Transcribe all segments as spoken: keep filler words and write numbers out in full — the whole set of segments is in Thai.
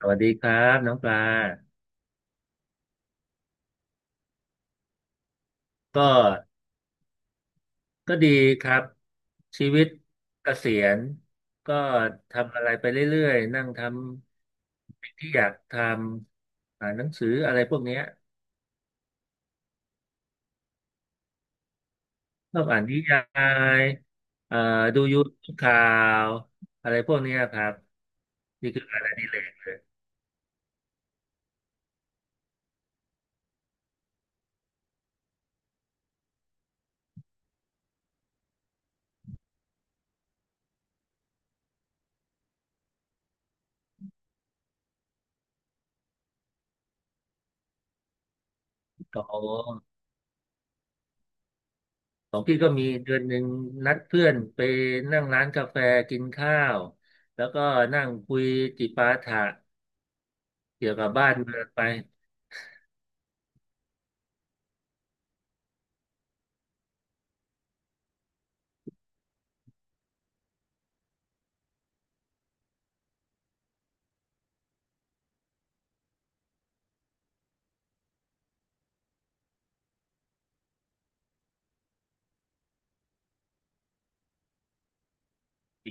สวัสดีครับน้องปลาก็ก็ดีครับชีวิตเกษียณก็ทำอะไรไปเรื่อยๆนั่งทำสิ่งที่อยากทำอ่านหนังสืออะไรพวกเนี้ยชอบอ่านนิยายเอ่อดูยูทูบข่าวอะไรพวกเนี้ยครับนี่คืองานอดิเรกของของพี่ก็มีเดือนหนึ่งนัดเพื่อนไปนั่งร้านกาแฟกินข้าวแล้วก็นั่งคุยจิปาถะ เกี่ยวกับบ้านเมืองไปดี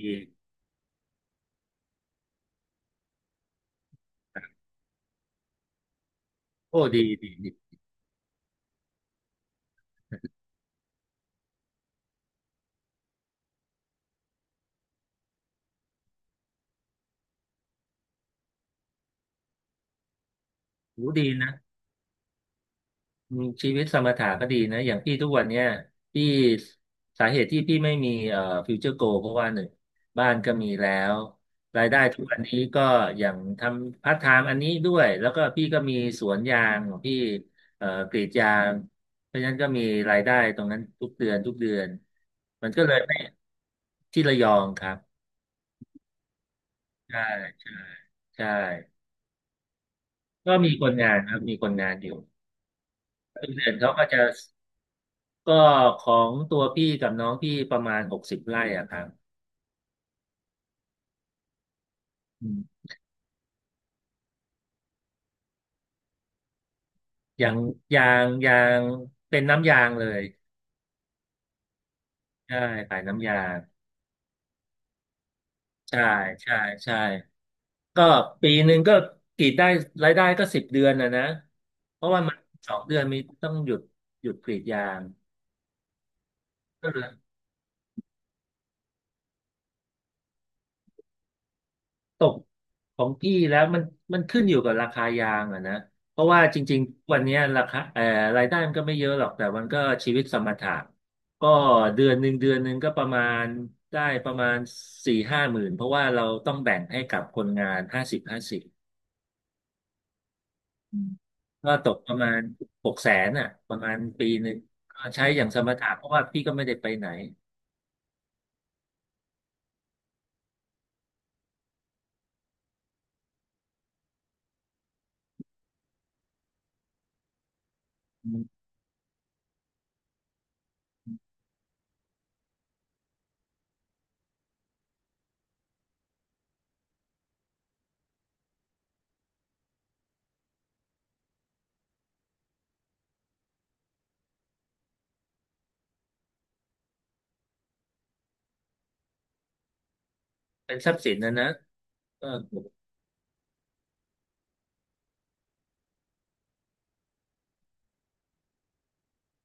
โอ้ดีดีดีโหดีนะอืมชีวิตสมถะก็ดีนะอย่างพี่ทุกวันเนี้ยพี่สาเหตุที่พี่ไม่มีเอ่อฟิวเจอร์โกเพราะว่าหนึ่งบ้านก็มีแล้วรายได้ทุกวันนี้ก็อย่างทำพาร์ทไทม์อันนี้ด้วยแล้วก็พี่ก็มีสวนยางของพี่เอ่อกรีดยางเพราะฉะนั้นก็มีรายได้ตรงนั้นทุกเดือนทุกเดือนมันก็เลยไม่ที่ระยองครับใช่ใช่ใช่ ก็มีคนงานครับมีคนงานอยู่เดือนเขาก็จะก็ของตัวพี่กับน้องพี่ประมาณหกสิบไร่อะครับอืมอย่างยางยางเป็นน้ำยางเลยใช่ขายน้ำยางใช่ใช่ใช่ก็ปีหนึ่งก็กรีดได้รายได้ก็สิบเดือนนะนะเพราะว่ามันสองเดือนมีต้องหยุดหยุดกรีดยางก็เหลือ ตกของพี่แล้วมันมันขึ้นอยู่กับราคายางอะนะเพราะว่าจริงๆวันเนี้ยราคาเอ่อรายได้มันก็ไม่เยอะหรอกแต่มันก็ชีวิตสมถะก็เดือนหนึ่งเดือนหนึ่งก็ประมาณได้ประมาณสี่ห้าหมื่นเพราะว่าเราต้องแบ่งให้กับคนงานห้าสิบห้าสิบอืมก็ตกประมาณหกแสนอ่ะประมาณปีหนึ่งก็ใช้อย่างสมถะเพราะว่าพี่ก็ไม่ได้ไปไหนอืมเป็นทรัพย์สินนะนะก็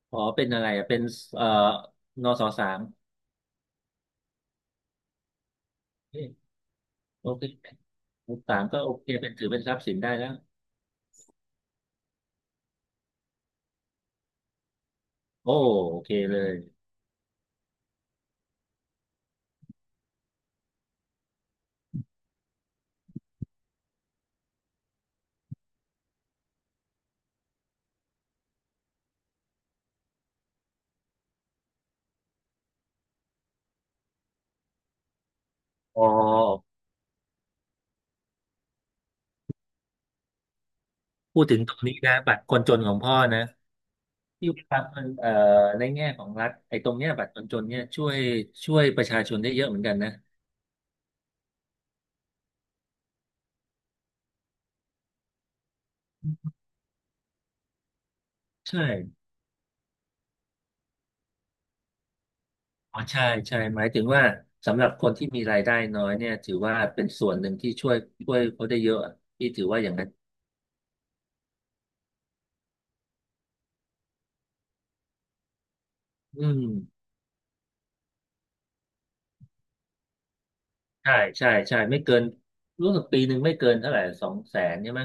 ขอเป็นอะไรอะเป็นเอ่อนสสาม โอเคมกสามก็โอเคเป็นถือเป็นทรัพย์สินได้แล้วโอ้โอเคเลยอ๋อพูดถึงตรงนี้นะบัตรคนจนของพ่อนะที่ครับมันเอ่อในแง่ของรัฐไอ้ตรงเนี้ยบัตรคนจนเนี่ยช่วยช่วยประชาชนได้เยอะเหมือนกันนะใช่อ๋อใช่ใช่หมายถึงว่าสำหรับคนที่มีรายได้น้อยเนี่ยถือว่าเป็นส่วนหนึ่งที่ช่วยช่วยเขาได้เยอะอะพี่ถือว่าอย่างนั้นอืมใช่ใช่ใช่ไม่เกินรู้สึกปีหนึ่งไม่เกินเท่าไหร่สองแสนใช่ไหม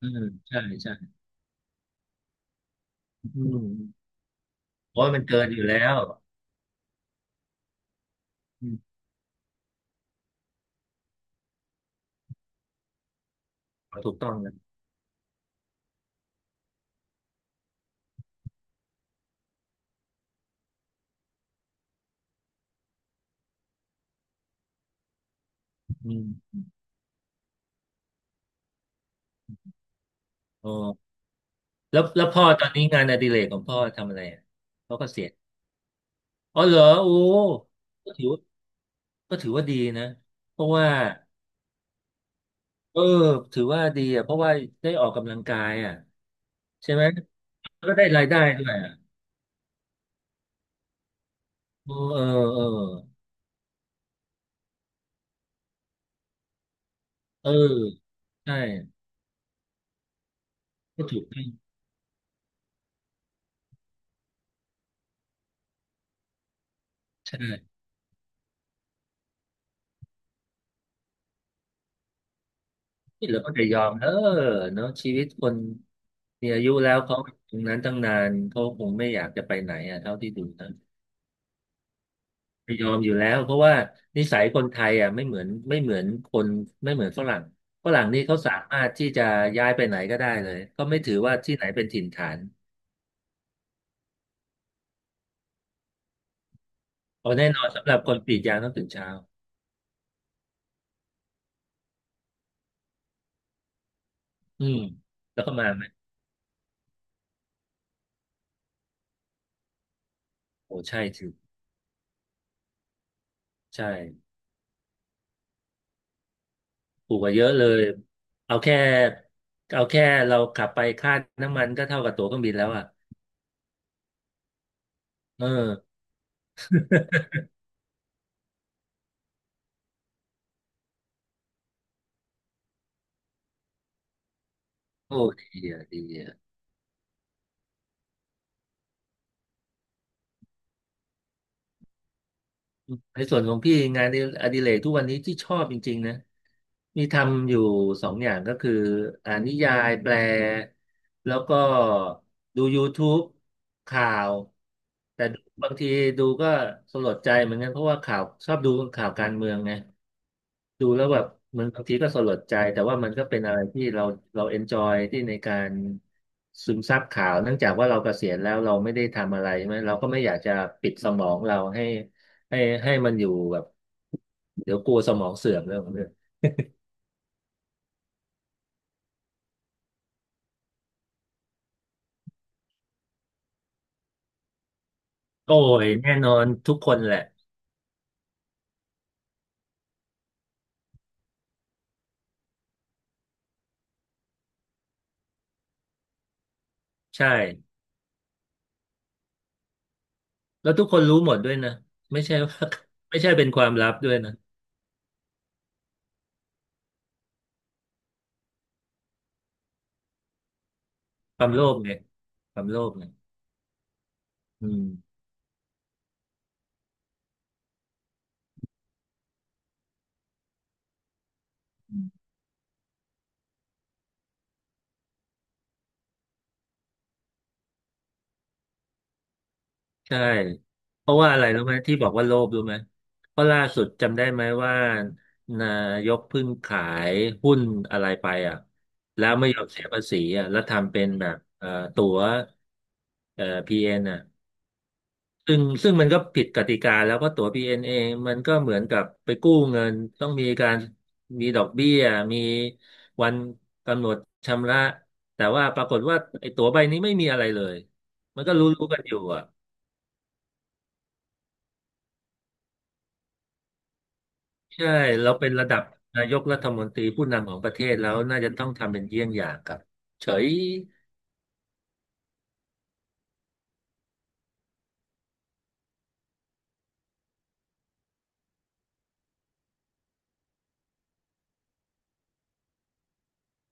อืมใช่ใช่อืม โอ้ยมันเกินอยู่แล้วอืมถูกต้องนะอืมอ๋อแล้วแล้วพ่อตอนนี้งานอดิเรกของพ่อทำอะไรอ่ะาก็เสียณอ๋อเหรอโอ้ก็ถือว่าก็ถือว่าดีนะเพราะว่าเออถือว่าดีอ่ะเพราะว่าได้ออกกำลังกายอ่ะใช่ไหมแล้วก็ได้รายได้ด้วยอ่ะเออเออเออเออใช่ก็ถูกต้องใช่ที่เลือก็จะยอมเออเนาะชีวิตคนมีอายุแล้วเขาตรงนั้นตั้งนานเขาคงไม่อยากจะไปไหนอ่ะเท่าที่ดูนะ ไม่ยอมอยู่แล้วเพราะว่านิสัยคนไทยอ่ะไม่เหมือนไม่เหมือนคนไม่เหมือนฝรั่งฝรั่งนี่เขาสามารถที่จะย้ายไปไหนก็ได้เลยเขาไม่ถือว่าที่ไหนเป็นถิ่นฐานเอาแน่นอนสำหรับคนกรีดยางต้องตื่นเช้าอืมแล้วก็มาไหมโอ้ใช่ถือใช่ถูกกว่าเยอะเลยเอาแค่เอาแค่เราขับไปค่าน้ำมันก็เท่ากับตั๋วเครื่องบินแล้วอ่ะเออโอ้ดีอ่ะดีอ่ะในส่วนของพี่งานอดิอดิเรกทุกวันนี้ที่ชอบจริงๆนะ มีทำอยู่สองอย่างก็คืออ่านนิยายแปลแล้วก็ดู YouTube ข่าวแต่บางทีดูก็สลดใจเหมือนกันเพราะว่าข่าวชอบดูข่าวการเมืองไงดูแล้วแบบเหมือนบางทีก็สลดใจแต่ว่ามันก็เป็นอะไรที่เราเราเอนจอยที่ในการซึมซับข่าวเนื่องจากว่าเราเกษียณแล้วเราไม่ได้ทำอะไรใช่ไหมเราก็ไม่อยากจะปิดสมองเราให้ให้ให้มันอยู่แบบเดี๋ยวกลัวสมองเสื่อมเรื่องของเรื่อง โอ้ยแน่นอนทุกคนแหละใช่แล้วทุกคนรู้หมดด้วยนะไม่ใช่ ว่า ไม่ใช่เป็นความลับด้วยนะความโลภเนี่ยความโลภไงอืมใช่เพราะว่าอะไรรู้ไหมที่บอกว่าโลภรู้ไหมเพราะล่าสุดจำได้ไหมว่านายกเพิ่งขายหุ้นอะไรไปอ่ะแล้วไม่ยอมเสียภาษีอ่ะแล้วทำเป็นแบบเอ่อตั๋วเอ่อพีเอ็นอ่ะ ซึ่งซึ่งมันก็ผิดกติกาแล้วเพราะตั๋ว บี เอ็น เอ มันก็เหมือนกับไปกู้เงินต้องมีการมีดอกเบี้ยมีวันกำหนดชำระแต่ว่าปรากฏว่าไอ้ตั๋วใบนี้ไม่มีอะไรเลยมันก็รู้ๆกันอยู่อ่ะใช่เราเป็นระดับนายกรัฐมนตรีผู้นำของประเทศแล้วน่าจะต้องทำเป็นเยี่ยงอย่างกับเฉย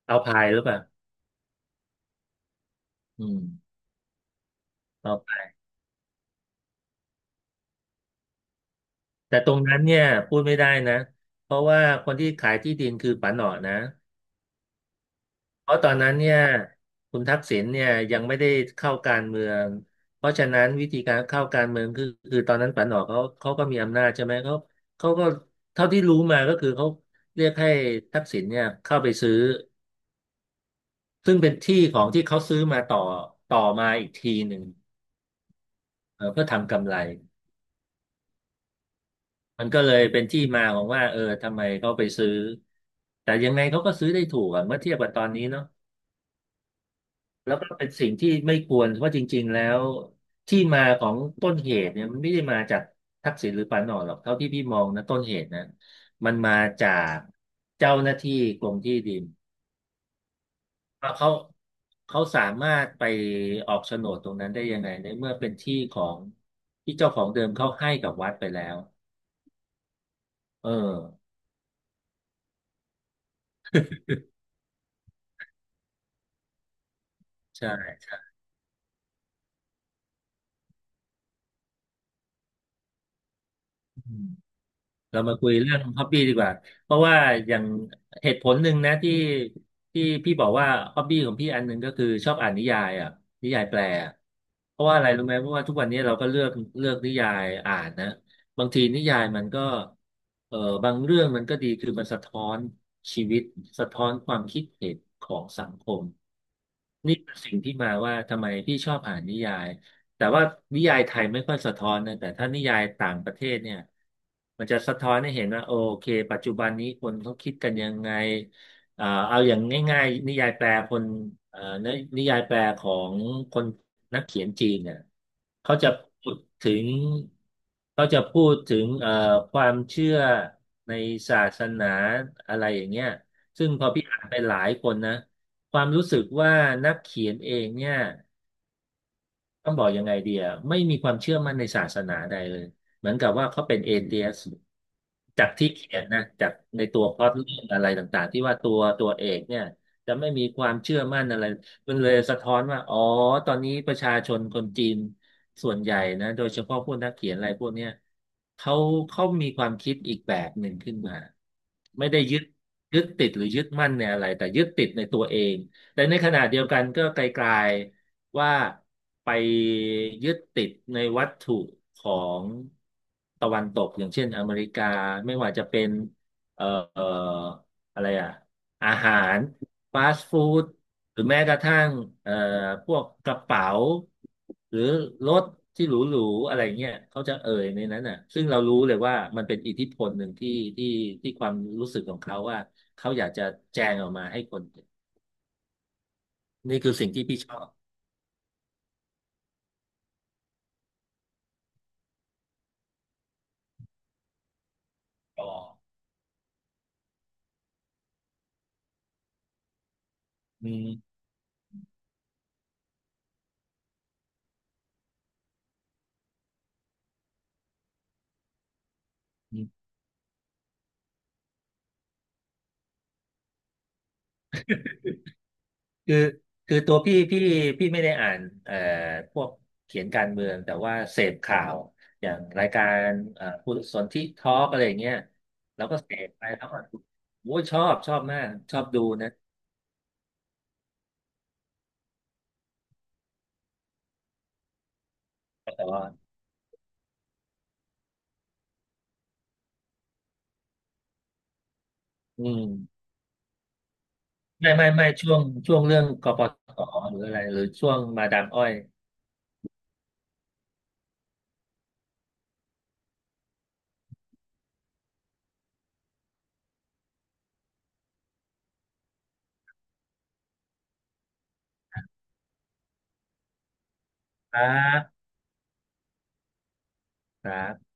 เอาพายหรือเปล่าอืมเอาพายแต่ตรงนั้นเนี่ยพูดไม่ได้นะเพราะว่าคนที่ขายที่ดินคือป๋าหนอนะ เพราะตอนนั้นเนี่ยคุณทักษิณเนี่ยยังไม่ได้เข้าการเมืองเพราะฉะนั้นวิธีการเข้าการเมืองคือคือตอนนั้นปานออกเขาเขาก็มีอำนาจใช่ไหมเขาเขาก็เท่าที่รู้มาก็คือเขาเรียกให้ทักษิณเนี่ยเข้าไปซื้อซึ่งเป็นที่ของที่เขาซื้อมาต่อต่อมาอีกทีหนึ่งเออเพื่อทำกำไรมันก็เลยเป็นที่มาของว่าเออทำไมเขาไปซื้อแต่ยังไงเขาก็ซื้อได้ถูกอะเมื่อเทียบกับตอนนี้เนาะ แล้วก็เป็นสิ่งที่ไม่ควรเพราะจริงๆแล้วที่มาของต้นเหตุเนี่ยมันไม่ได้มาจากทักษิณหรือปานออนหรอกเท่าที่พี่มองนะต้นเหตุนะมันมาจากเจ้าหน้าที่กรมที่ดินว่าเขาเขาสามารถไปออกโฉนดตรงนั้นได้ยังไงในเมื่อเป็นที่ของที่เจ้าของเดิมเขาให้กับวัดไปแล้วเออใช่ใช่ เรามาคุยเรื่องฮอบบี้ดีกว่าเพราะว่าอย่างเหตุผลหนึ่งนะที่ที่พี่บอกว่าฮอบบี้ของพี่อันหนึ่งก็คือชอบอ่านนิยายอ่ะนิยายแปลอะเพราะว่าอะไรรู้ไหมเพราะว่าทุกวันนี้เราก็เลือกเลือกนิยายอ่านนะบางทีนิยายมันก็เออบางเรื่องมันก็ดีคือมันสะท้อนชีวิตสะท้อนความคิดเห็นของสังคม นี่เป็นสิ่งที่มาว่าทำไมพี่ชอบอ่านนิยายแต่ว่านิยายไทยไม่ค่อยสะท้อนนะแต่ถ้านิยายต่างประเทศเนี่ยมันจะสะท้อนให้เห็นว่าโอเคปัจจุบันนี้คนเขาคิดกันยังไงเอ่อเอาอย่างง่ายๆนิยายแปลคนเอ่อนินิยายแปลของคนนักเขียนจีนเนี่ยเขาจะพูดถึงเขาจะพูดถึงเอ่อความเชื่อในศาสนาอะไรอย่างเงี้ยซึ่งพอพี่อ่านไปหลายคนนะ ความรู้สึกว่านักเขียนเองเนี่ย ต้องบอกยังไงเดีย ไม่มีความเชื่อมั่นในศาสนาใดเลย เหมือนกับว่าเขาเป็นเอเทียสจากที่เขียนนะ จากในตัวพล็อตเรื่องอะไรต่างๆที่ว่าตัวตัวเอกเนี่ยจะไม่มีความเชื่อมั่นอะไรมันเลยสะท้อนว่า อ๋อตอนนี้ประชาชนคนจีนส่วนใหญ่นะ โดยเฉพาะพวกนักเขียนอะไรพวกเนี้ยเขาเขามีความคิดอีกแบบหนึ่งขึ้นมา ไม่ได้ยึดยึดติดหรือยึดมั่นในอะไรแต่ยึดติดในตัวเองแต่ในขณะเดียวกันก็ไกลๆ ว่าไปยึดติดในวัตถุของตะวันตกอย่างเช่นอเมริกาไม่ว่าจะเป็นเอ่อเอ่ออะไรอะอาหารฟาสต์ฟู้ดหรือแม้กระทั่งเอ่อพวกกระเป๋าหรือรถที่หรูๆอะไรเงี้ยเขาจะเอ่ยในนั้นน่ะซึ่งเรารู้เลยว่ามันเป็นอิทธิพลหนึ่งที่ที่ที่ความรู้สึกของเขาว่าเขาอยากจะแจงออกมาให้คนเห็นนี่คือสิ่งที่พี่ชอบอ๋ออืม คือคือตัวพี่พี่พี่ไม่ได้อ่านเอ่อพวกเขียนการเมืองแต่ว่าเสพข่าวอย่างรายการเอ่อผู้สนที่ทอล์กอะไรอย่างเงี้ยเราก็เสพไปแล้วก็โอ้ยชอบชอบมากชอบดูนะแต่ว่าอืมไม่ไม่ไม่ช่วงช่วงเรื่องกปตหรืออะไรหรือช่วงมาดามอ้อยครับครับ